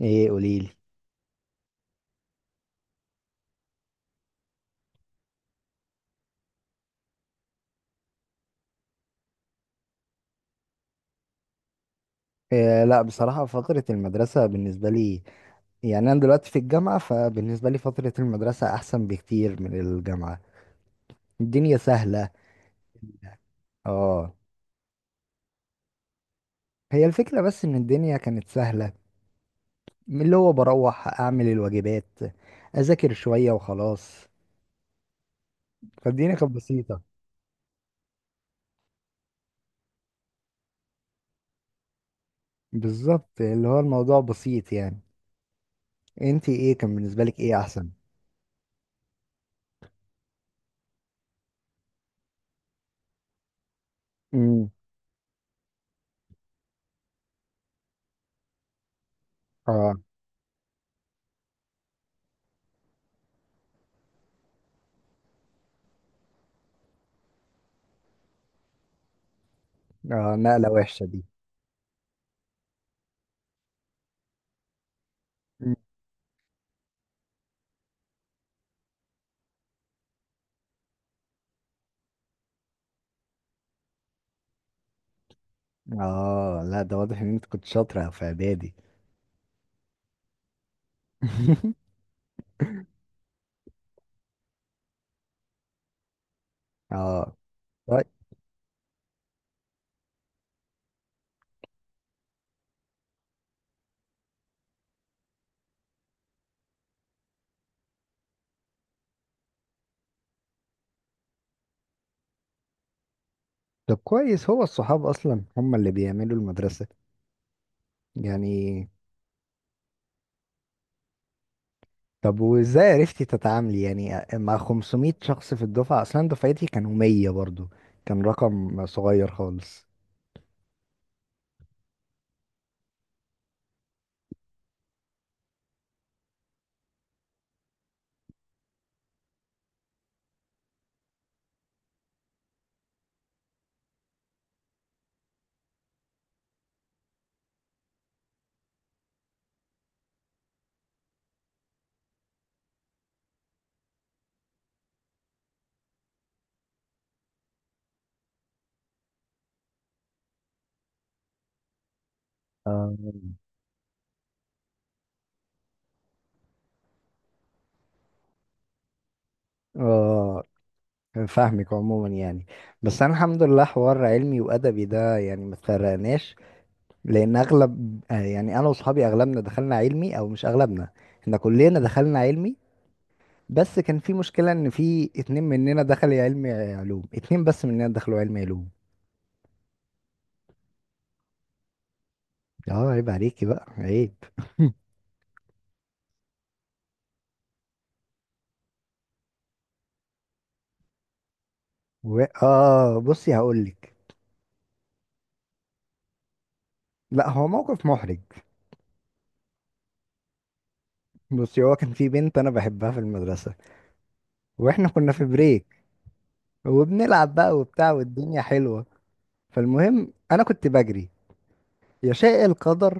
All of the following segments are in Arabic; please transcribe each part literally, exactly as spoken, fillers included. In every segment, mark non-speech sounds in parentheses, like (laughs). ايه قوليلي. إيه، لا بصراحة فترة المدرسة بالنسبة لي، يعني أنا دلوقتي في الجامعة، فبالنسبة لي فترة المدرسة أحسن بكتير من الجامعة. الدنيا سهلة. اه. هي الفكرة بس إن الدنيا كانت سهلة، من اللي هو بروح أعمل الواجبات، أذاكر شوية وخلاص. فالدنيا كانت بسيطة. بالظبط اللي هو الموضوع بسيط يعني. انتي ايه كان بالنسبة لك ايه أحسن؟ امم. اه. اه نقلة وحشة دي. مم. اه لا ده واضح إن انت كنت شاطرة في إعدادي. (laughs) اه. طيب. طب كويس، هو الصحاب اصلا هم اللي بيعملوا المدرسة يعني. طب وازاي عرفتي تتعاملي يعني مع خمسمية شخص في الدفعة، اصلا دفعتي كانوا مية برضو، كان رقم صغير خالص. آه. اه فاهمك عموما يعني. بس انا الحمد لله حوار علمي وادبي ده يعني ما تفرقناش، لان اغلب آه، يعني انا واصحابي اغلبنا دخلنا علمي، او مش اغلبنا، احنا كلنا دخلنا علمي. بس كان في مشكلة ان في اتنين مننا دخل علم، علوم اتنين بس مننا دخلوا علم علوم. اه عيب عليكي بقى، عيب. و... اه بصي هقولك. لا هو موقف محرج. بصي هو كان في بنت انا بحبها في المدرسة، واحنا كنا في بريك، وبنلعب بقى وبتاع والدنيا حلوة. فالمهم انا كنت بجري، يشاء القدر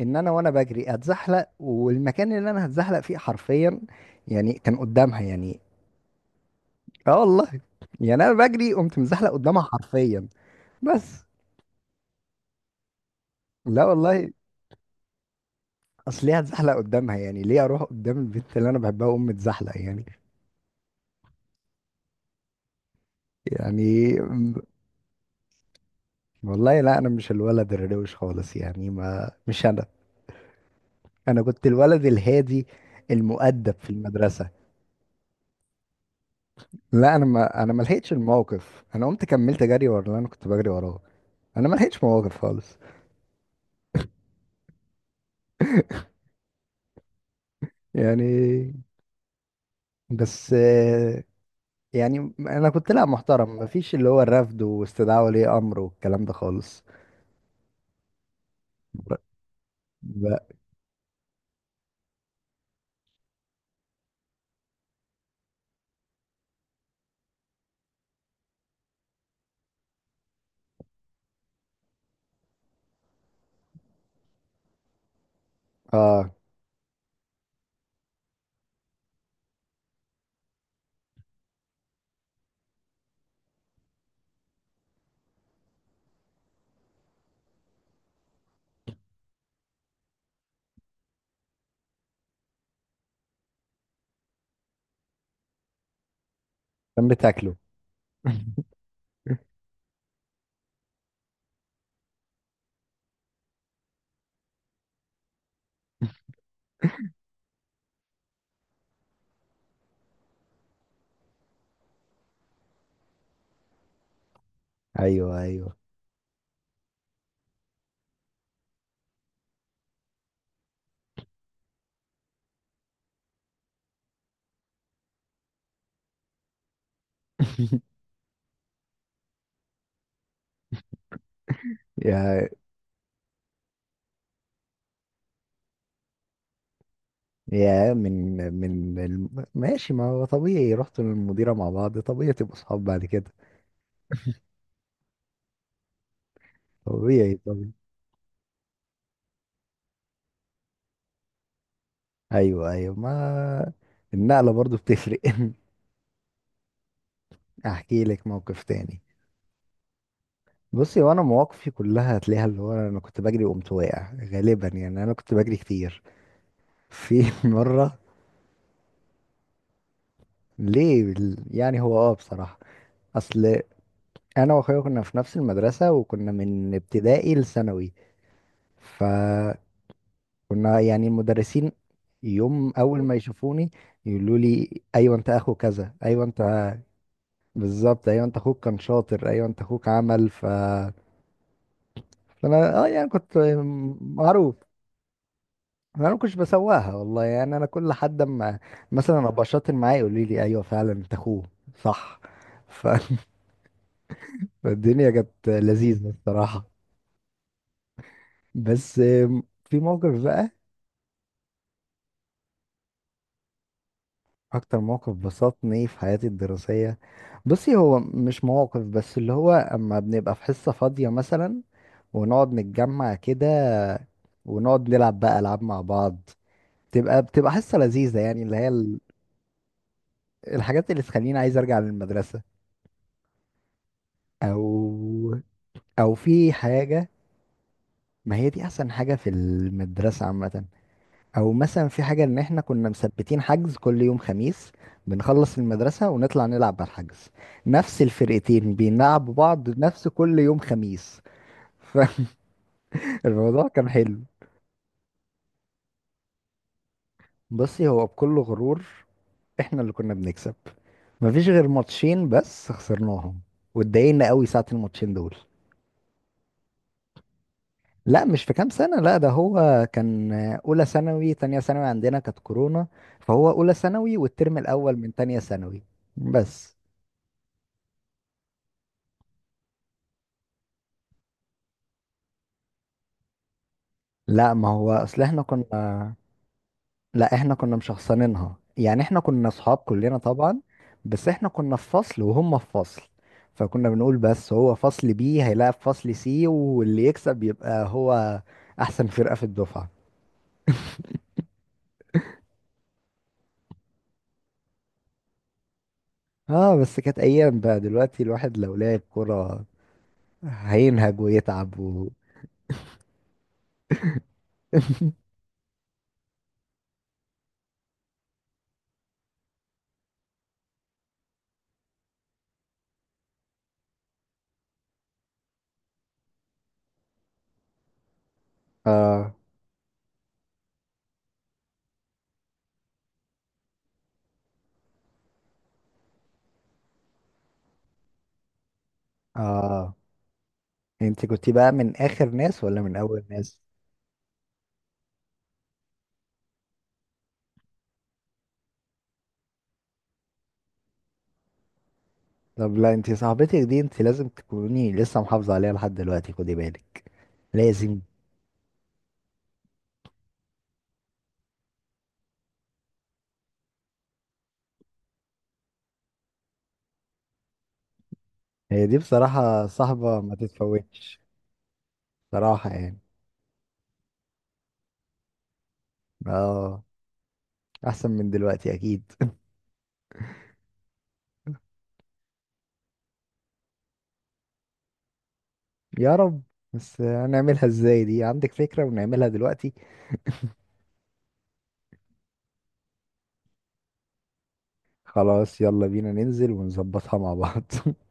ان انا وانا بجري اتزحلق، والمكان اللي انا هتزحلق فيه حرفيا يعني كان قدامها يعني. اه والله، يعني انا بجري قمت مزحلق قدامها حرفيا. بس. لا والله، اصل ليه هتزحلق قدامها يعني، ليه اروح قدام البنت اللي انا بحبها واقوم متزحلق يعني. يعني م- والله لا انا مش الولد الروش خالص يعني، ما مش انا، انا كنت الولد الهادي المؤدب في المدرسة. لا انا ما انا ما لحقتش الموقف، انا قمت كملت جري ورا اللي انا كنت بجري وراه، انا ما لحقتش مواقف خالص. يعني بس، آه، يعني انا كنت لا محترم، ما فيش اللي هو الرفض واستدعاء ولي امر والكلام ده خالص. ب- ب... اه كان بتاكله. (laughs) ايوه ايوه. يا يا من من الم... ماشي، ما هو طبيعي رحتوا للمديرة مع بعض، طبيعي تبقوا صحاب بعد كده. طبيعي طبيعي. ايوه ايوه، ما النقلة برضو بتفرق. (laughs) احكي لك موقف تاني. بصي وانا مواقفي كلها هتلاقيها اللي هو انا كنت بجري وقمت واقع غالبا، يعني انا كنت بجري كتير. في (laughs) مرة. ليه بال- يعني هو اه بصراحة، اصل انا واخويا كنا في نفس المدرسة وكنا من ابتدائي لثانوي، فكنا يعني المدرسين يوم اول ما يشوفوني يقولوا لي ايوه انت اخو كذا، ايوه انت، بالظبط، ايوه انت اخوك كان شاطر، ايوه انت اخوك عمل ف فانا اه يعني كنت معروف. انا ما كنتش بسواها والله يعني، انا كل حد اما مثلا ابقى شاطر معاه يقول لي ايوه فعلا انت اخوه. صح. ف- (laughs) فالدنيا كانت لذيذه الصراحه. بس. في موقف بقى، اكتر موقف بسطني في حياتي الدراسية، بصي هو مش مواقف بس، اللي هو اما بنبقى في حصة فاضية مثلا، ونقعد نتجمع كده ونقعد نلعب بقى العاب مع بعض، بتبقى بتبقى حصة لذيذة، يعني اللي هي ال- الحاجات اللي تخليني عايز ارجع للمدرسة. او. او في حاجة، ما هي دي احسن حاجة في المدرسة عامة. او مثلا في حاجة ان احنا كنا مثبتين حجز كل يوم خميس، بنخلص المدرسة ونطلع نلعب على الحجز، نفس الفرقتين بيلعبوا بعض نفس كل يوم خميس. (laughs) فالموضوع كان حلو. بصي هو بكل غرور احنا اللي كنا بنكسب، مفيش غير ماتشين بس خسرناهم واتضايقنا قوي ساعة الماتشين دول. لا مش في كام سنة، لا ده هو كان أولى ثانوي، تانية ثانوي عندنا كانت كورونا، فهو أولى ثانوي والترم الأول من تانية ثانوي. بس. لا ما هو اصل احنا كنا لا احنا كنا مشخصنينها، يعني احنا كنا اصحاب كلنا طبعا، بس احنا كنا في فصل وهم في فصل، فكنا بنقول بس هو فصل بي هيلاعب فصل سي واللي يكسب يبقى هو احسن فرقة في الدفعة. اه بس كانت ايام، بقى دلوقتي الواحد لو لعب كرة هينهج ويتعب و... اه. اه انت كنت بقى من اخر ناس ولا من اول ناس؟ طب لا انت صاحبتك دي انت لازم تكوني لسه محافظة عليها لحد دلوقتي، خدي بالك، لازم. هي دي بصراحة صاحبة ما تتفوتش، صراحة يعني. اه احسن من دلوقتي اكيد. (laughs) يا رب، بس هنعملها ازاي دي، عندك فكرة ونعملها دلوقتي؟ خلاص يلا بينا ننزل ونظبطها مع بعض. (laughs)